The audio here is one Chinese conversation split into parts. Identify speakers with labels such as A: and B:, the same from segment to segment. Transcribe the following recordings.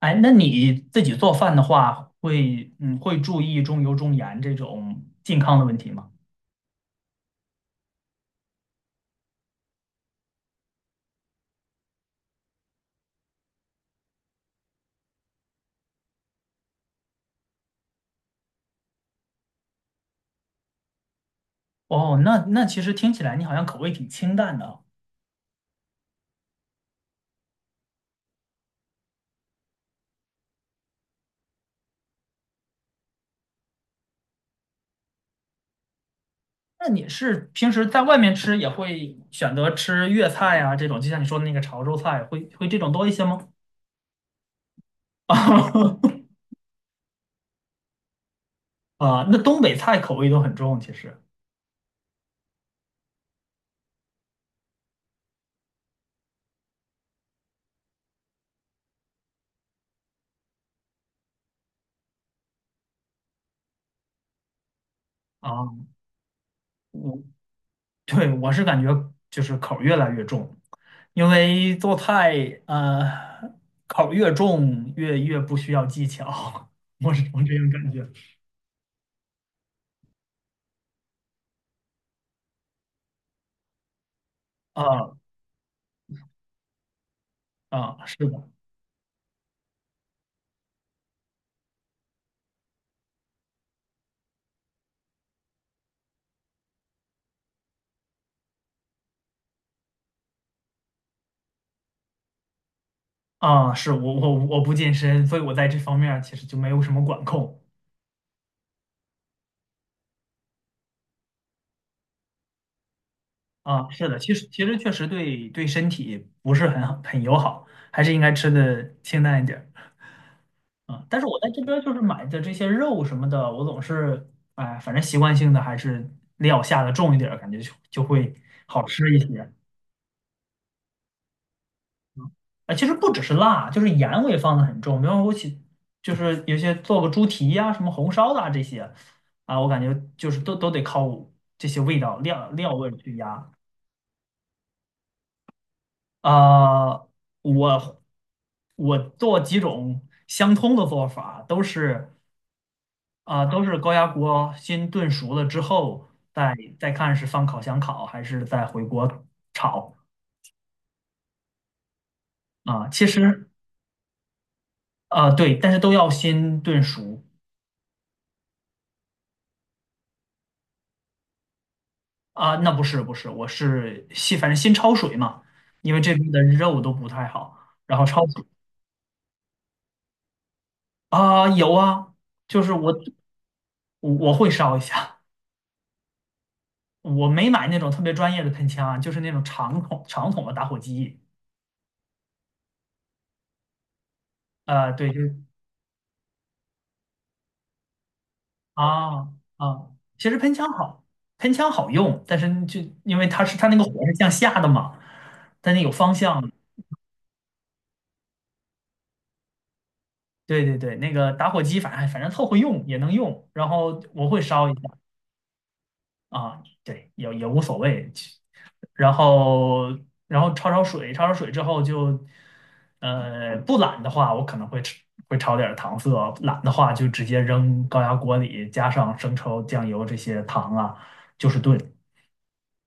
A: 哎，那你自己做饭的话，会注意重油重盐这种健康的问题吗？哦，那其实听起来你好像口味挺清淡的啊。那你是平时在外面吃也会选择吃粤菜啊这种，就像你说的那个潮州菜，会这种多一些吗？啊，那东北菜口味都很重，其实啊，我对，我是感觉就是口儿越来越重，因为做菜，口儿越重越不需要技巧，我这样感觉。啊啊，是的，啊，是我不健身，所以我在这方面儿其实就没有什么管控。啊，是的，其实确实对身体不是很好很友好，还是应该吃的清淡一点儿。啊，但是我在这边就是买的这些肉什么的，我总是哎，反正习惯性的还是料下的重一点儿，感觉就会好吃一些。啊，其实不只是辣，就是盐我也放的很重，比方说就是有些做个猪蹄呀、什么红烧的啊这些啊，我感觉就是都得靠这些味道料味去压。啊，我我做几种相通的做法，都是啊，都是高压锅先炖熟了之后，再看是放烤箱烤还是再回锅炒啊。其实啊，对，但是都要先炖熟啊。那不是不是，我是先反正先焯水嘛，因为这边的肉都不太好，然后焯水啊，有啊，就是我会烧一下，我没买那种特别专业的喷枪啊，就是那种长筒长筒的打火机。啊。对，就是。啊啊，其实喷枪好，喷枪好用，但是就因为它是它那个火是向下的嘛，但是有方向。对对对，那个打火机反正凑合用也能用，然后我会烧一下啊，对，也无所谓。其然后然后焯水，焯水之后就，呃，不懒的话，我可能会炒点儿糖色，懒的话就直接扔高压锅里，加上生抽、酱油这些糖啊，就是炖。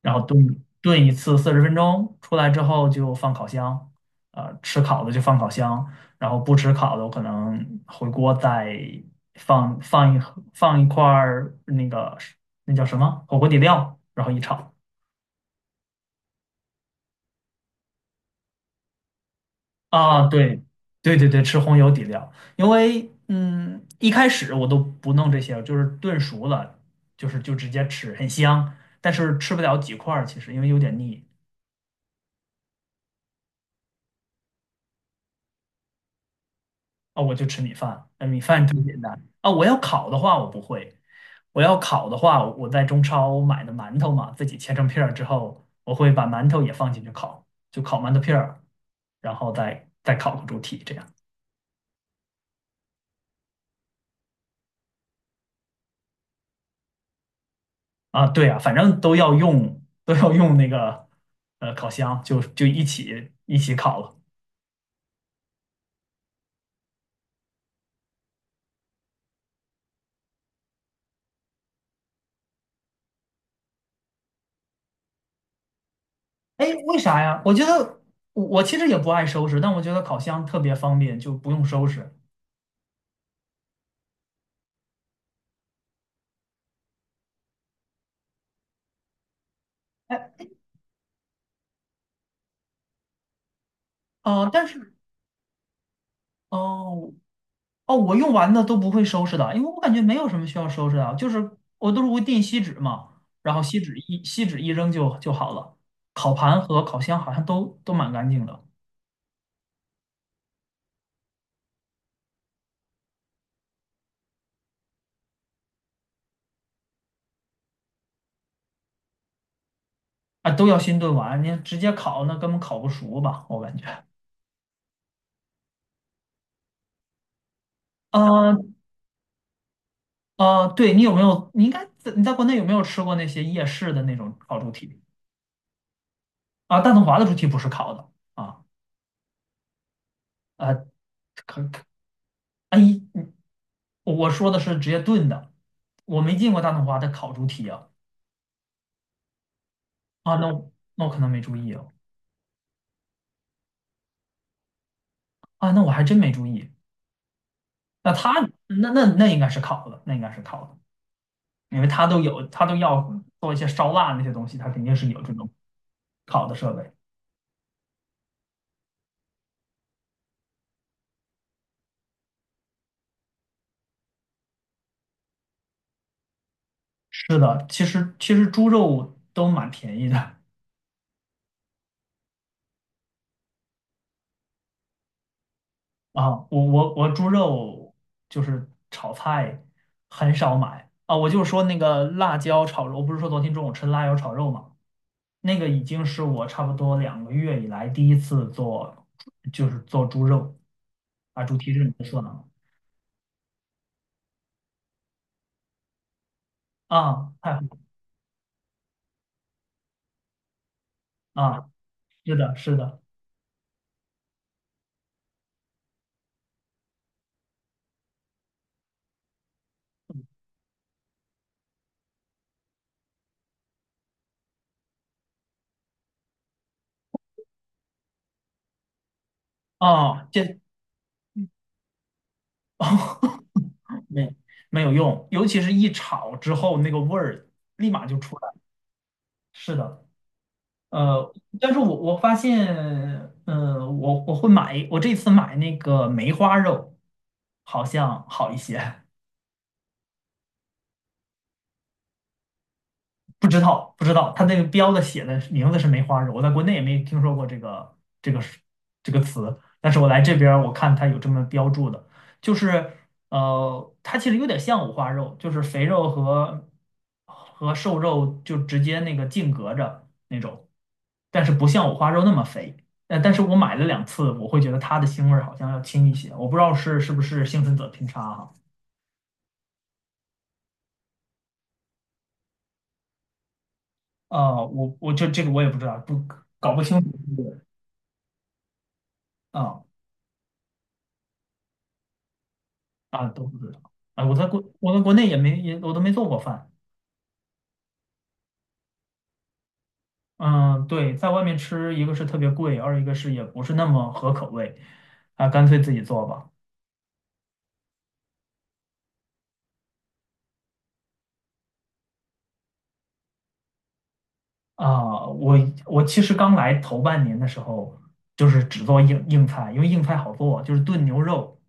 A: 然后炖一次40分钟，出来之后就放烤箱，吃烤的就放烤箱，然后不吃烤的我可能回锅再放一块儿那个叫什么火锅底料，然后一炒啊，对对对对，吃红油底料，因为一开始我都不弄这些，就是炖熟了，就直接吃，很香，但是吃不了几块儿，其实因为有点腻。哦，我就吃米饭，那米饭最简单啊。我要烤的话，我不会。我要烤的话，我在中超买的馒头嘛，自己切成片儿之后，我会把馒头也放进去烤，就烤馒头片儿，然后再烤个猪蹄这样啊。对啊，反正都要用那个烤箱，就一起烤了。哎，为啥呀？我觉得我其实也不爱收拾，但我觉得烤箱特别方便，就不用收拾。哎，哦，但是哦，哦，我用完的都不会收拾的，因为我感觉没有什么需要收拾的，就是我都是会订锡纸嘛，然后锡纸一扔就好了。烤盘和烤箱好像都蛮干净的啊，都要先炖完，你直接烤那根本烤不熟吧，我感觉。呃对你有没有？你应该在国内有没有吃过那些夜市的那种烤猪蹄啊？大统华的猪蹄不是烤的啊，呃，可可，哎，我说的是直接炖的，我没进过大统华的烤猪蹄啊。啊，那我可能没注意哦。啊，那我还真没注意。那他那应该是烤的，那应该是烤的，因为他都有，他都要做一些烧腊那些东西，他肯定是有这种烤的设备。是的，其实猪肉都蛮便宜的啊。我猪肉就是炒菜很少买啊。我就说那个辣椒炒肉，我不是说昨天中午吃辣椒炒肉嘛，那个已经是我差不多2个月以来第一次做，就是做猪肉。啊，主题是你的所能啊，太好了啊，是的，是的，哦，哦，没没有用，尤其是一炒之后，那个味儿立马就出来了。是的，呃，但是我发现，我会买，我这次买那个梅花肉，好像好一些。不知道，不知道，它那个标的写的名字是梅花肉，我在国内也没听说过这个这个词，但是我来这边儿我看它有这么标注的，就是它其实有点像五花肉，就是肥肉和瘦肉就直接那个净隔着那种，但是不像五花肉那么肥。但是我买了2次，我会觉得它的腥味儿好像要轻一些，我不知道是不是幸存者偏差哈。啊，我就这个我也不知道，不搞不清楚啊。啊，都不知道啊，我在国内也没也我都没做过饭。嗯，对，在外面吃，一个是特别贵，二一个是也不是那么合口味，啊，干脆自己做吧。啊，我其实刚来头半年的时候，就是只做硬菜，因为硬菜好做，就是炖牛肉，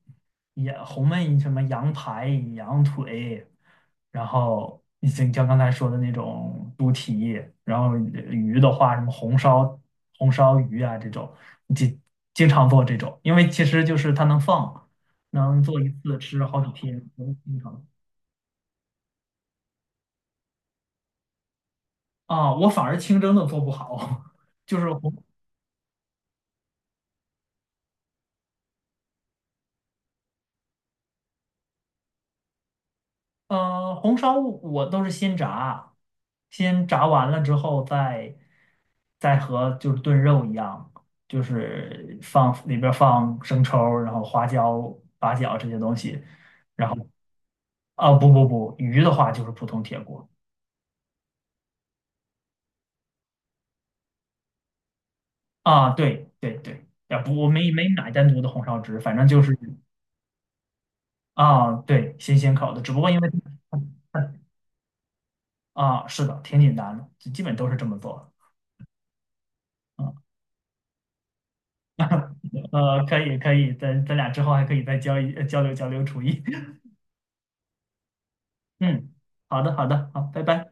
A: 也红焖什么羊排、羊腿，然后你像刚才说的那种猪蹄，然后鱼的话，什么红烧鱼啊这种，经经常做这种，因为其实就是它能放，能做一次吃好几天，能经常啊，我反而清蒸的做不好，就是红。呃，红烧我都是先炸，先炸完了之后再和就是炖肉一样，就是放里边儿放生抽儿然后花椒、八角这些东西，然后啊不不不，鱼的话就是普通铁锅啊，对对对，啊不，我没买单独的红烧汁，反正就是啊对，新鲜烤的，只不过因为啊是的，挺简单的，就基本都是这么做。啊。可以可以，咱俩之后还可以再交流交流厨艺。嗯，好的好的，好，拜拜。